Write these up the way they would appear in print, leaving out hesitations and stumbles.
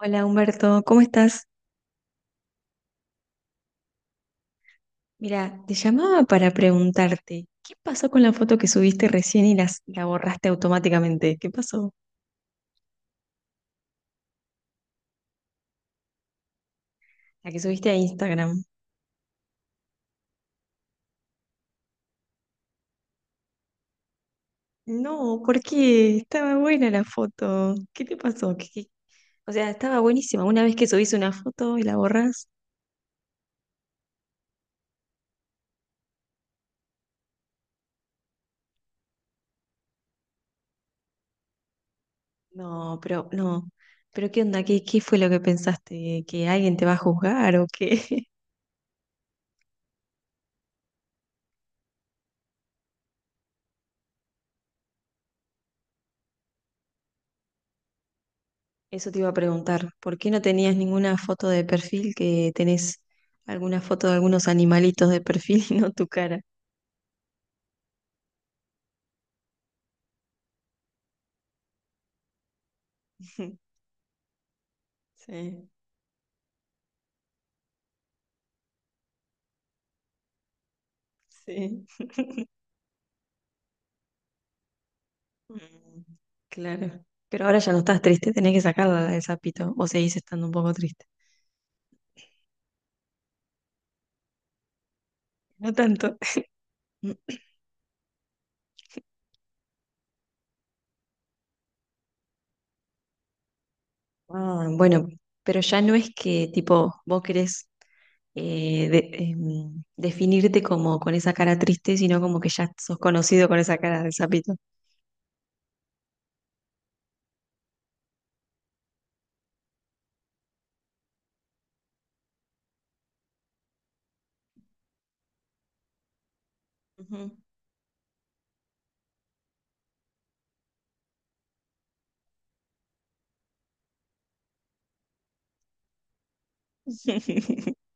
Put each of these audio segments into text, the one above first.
Hola Humberto, ¿cómo estás? Mira, te llamaba para preguntarte, ¿qué pasó con la foto que subiste recién y la borraste automáticamente? ¿Qué pasó? La que subiste a Instagram. No, ¿por qué? Estaba buena la foto. ¿Qué te pasó? O sea, estaba buenísima. Una vez que subís una foto y la borras, no, pero no. ¿Pero qué onda? ¿Qué fue lo que pensaste? ¿Que alguien te va a juzgar o qué? Eso te iba a preguntar, ¿por qué no tenías ninguna foto de perfil que tenés alguna foto de algunos animalitos de perfil y no tu cara? Sí, sí. Mm, claro. Pero ahora ya no estás triste, tenés que sacarla la del sapito, o seguís estando un poco triste. No tanto. Mm, ah, bueno, pero ya no es que tipo vos querés definirte como con esa cara triste, sino como que ya sos conocido con esa cara del sapito. Ujú.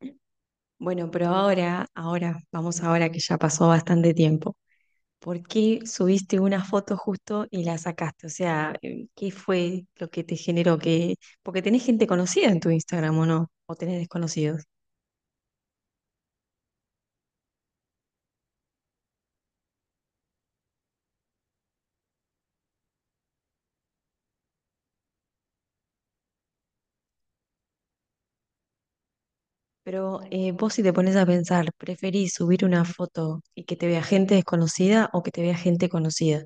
Bueno, pero vamos ahora que ya pasó bastante tiempo. ¿Por qué subiste una foto justo y la sacaste? O sea, ¿qué fue lo que te generó? Que porque tenés gente conocida en tu Instagram, ¿o no? O tenés desconocidos. Pero vos si te pones a pensar, ¿preferís subir una foto y que te vea gente desconocida o que te vea gente conocida?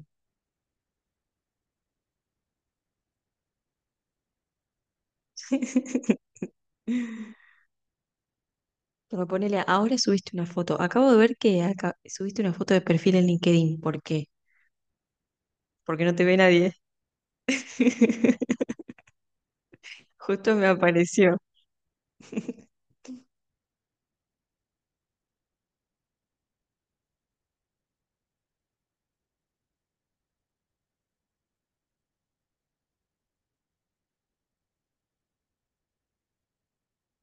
Pero ponele, ahora subiste una foto. Acabo de ver que subiste una foto de perfil en LinkedIn. ¿Por qué? Porque no te ve nadie. Justo me apareció.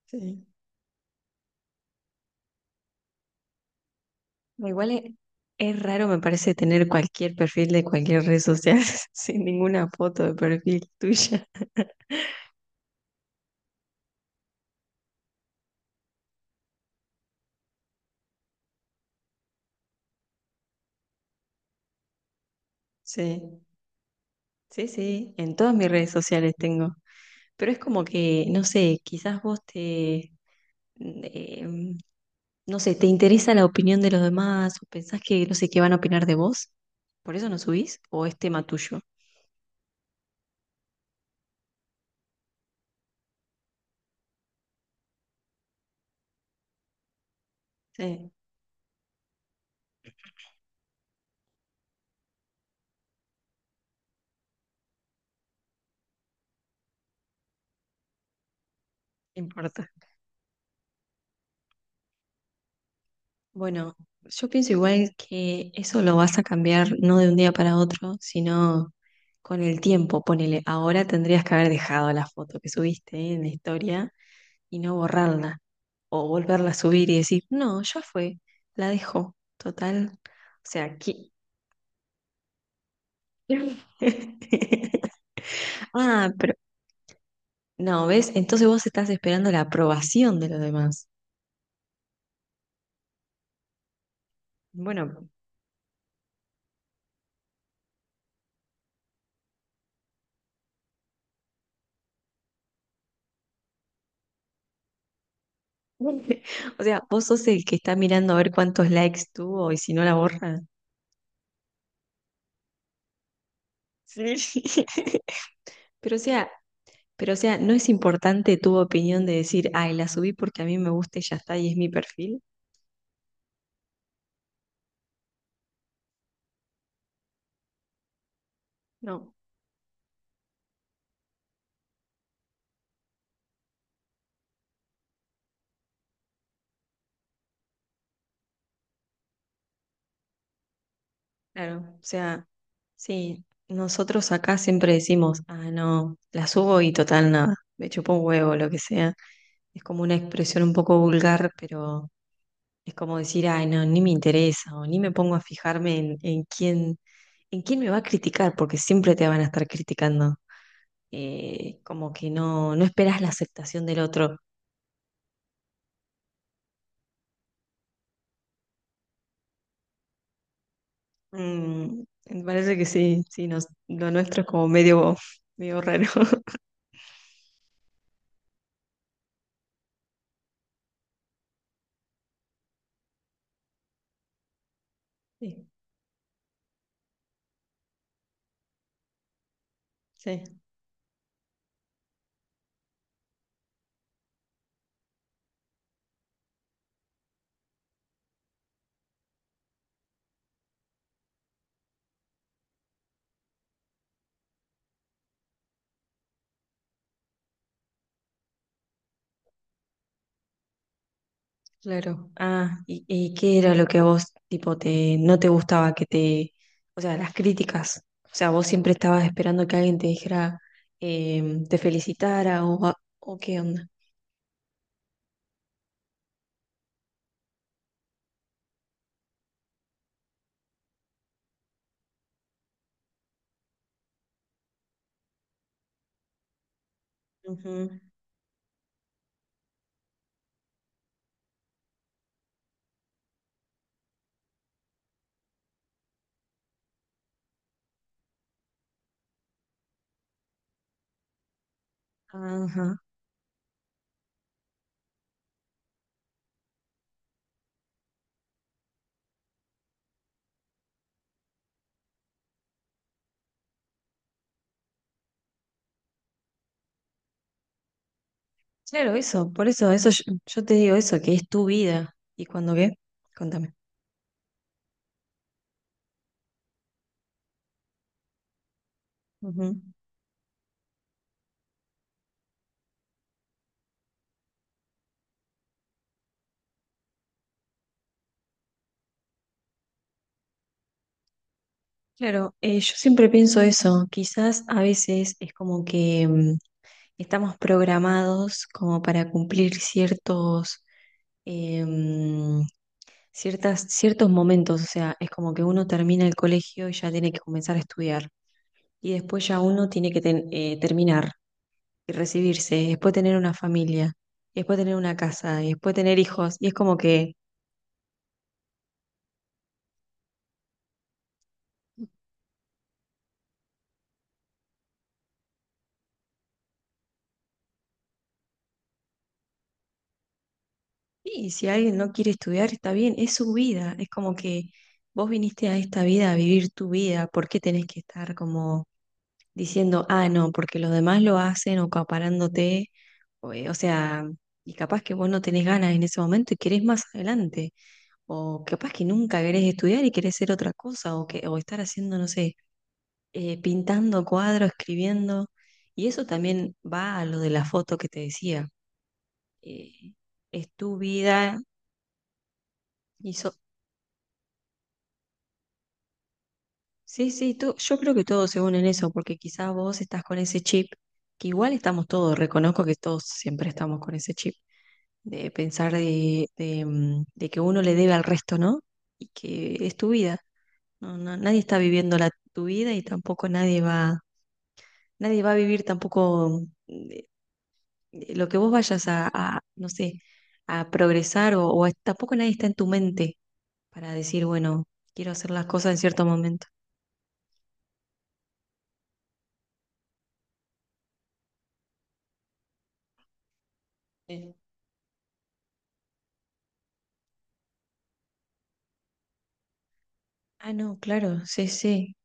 Sí. Igual es, es raro, me parece, tener cualquier perfil de cualquier red social sin ninguna foto de perfil tuya. Sí, sí, sí, en todas mis redes sociales tengo. Pero es como que, no sé, eh, no sé, te interesa la opinión de los demás o pensás que, no sé, qué van a opinar de vos. ¿Por eso no subís? ¿O es tema tuyo? Sí, no importa. Bueno, yo pienso igual que eso lo vas a cambiar no de un día para otro, sino con el tiempo. Ponele, ahora tendrías que haber dejado la foto que subiste en la historia y no borrarla o volverla a subir y decir, no, ya fue, la dejo, total. O sea, aquí. Ah, pero no, ¿ves? Entonces vos estás esperando la aprobación de los demás. Bueno, o sea, vos sos el que está mirando a ver cuántos likes tuvo y si no la borra. Sí, Pero o sea, pero o sea, no es importante tu opinión de decir, ay, la subí porque a mí me gusta y ya está y es mi perfil. No, claro. O sea, sí, nosotros acá siempre decimos, ah, no, la subo y total nada, me chupó un huevo, lo que sea. Es como una expresión un poco vulgar, pero es como decir, ay, no, ni me interesa o ni me pongo a fijarme en quién, en quién me va a criticar, porque siempre te van a estar criticando. Como que no, no esperas la aceptación del otro. Mm, me parece que sí, sí, nos, lo nuestro es como medio, medio raro. Sí, sí, claro. Ah, ¿y qué era lo que a vos, tipo, te, no te gustaba que te, o sea, las críticas, o sea, vos siempre estabas esperando que alguien te dijera, te felicitara o, o qué onda? Ujú. Ajá. Claro, eso, por eso, eso yo te digo eso, que es tu vida. ¿Y cuando qué? Contame. Ujú. Claro, yo siempre pienso eso, quizás a veces es como que mm, estamos programados como para cumplir ciertos, em, ciertas, ciertos momentos, o sea, es como que uno termina el colegio y ya tiene que comenzar a estudiar, y después ya uno tiene que terminar y recibirse, y después tener una familia, y después tener una casa, y después tener hijos, y es como que y si alguien no quiere estudiar, está bien, es su vida. Es como que vos viniste a esta vida a vivir tu vida. ¿Por qué tenés que estar como diciendo, ah, no, porque los demás lo hacen o acaparándote? O sea, y capaz que vos no tenés ganas en ese momento y querés más adelante. O capaz que nunca querés estudiar y querés ser otra cosa. O, que, o estar haciendo, no sé, pintando cuadros, escribiendo. Y eso también va a lo de la foto que te decía. eh, es tu vida. Y so- Sí, yo creo que todos se unen en eso, porque quizás vos estás con ese chip, que igual estamos todos, reconozco que todos siempre estamos con ese chip, de pensar mm, de que uno le debe al resto, ¿no? Y que es tu vida, no, nadie está viviendo la, tu vida y tampoco nadie va, nadie va a vivir tampoco mm, de- de lo que vos vayas a no sé, a progresar o, tampoco nadie está en tu mente para decir, bueno, quiero hacer las cosas en cierto momento. Sí. Ah, no, claro, sí, sí.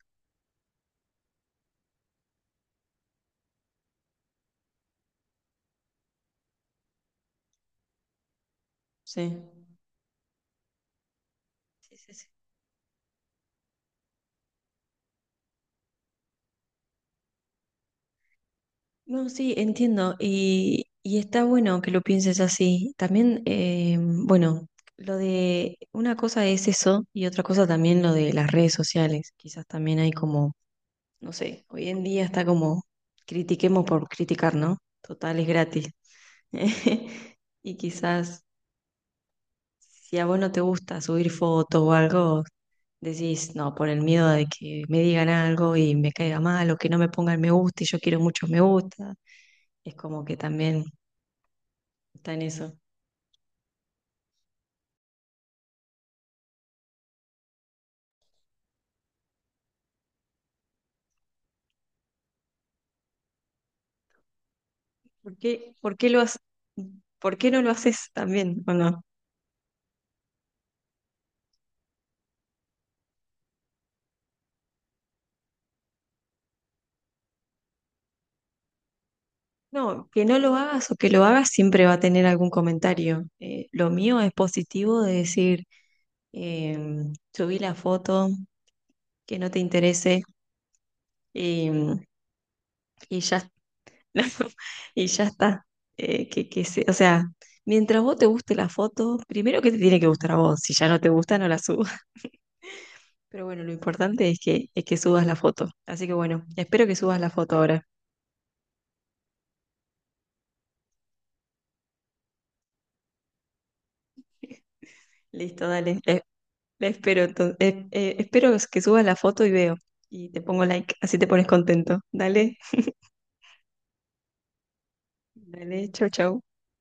Sí. Sí, sí, sí. No, sí, entiendo. Y está bueno que lo pienses así. También, bueno, lo de una cosa es eso y otra cosa también lo de las redes sociales. Quizás también hay como, no sé, hoy en día está como critiquemos por criticar, ¿no? Total, es gratis. Y quizás si a vos no te gusta subir fotos o algo, decís, no, por el miedo de que me digan algo y me caiga mal o que no me pongan me gusta y yo quiero muchos me gusta. Es como que también está en eso. ¿Por qué, por qué lo has- ¿Por qué no lo haces también o no? No, que no lo hagas o que lo hagas siempre va a tener algún comentario. Lo mío es positivo de decir, eh, subí la foto, que no te interese y, y ya, y ya está. O sea, mientras vos te guste la foto, primero que te tiene que gustar a vos. Si ya no te gusta, no la subas. Pero bueno, lo importante es que subas la foto. Así que bueno, espero que subas la foto ahora. Listo, dale. La espero, entonces, espero que subas la foto y veo. Y te pongo like, así te pones contento. Dale, dale, chau, chau.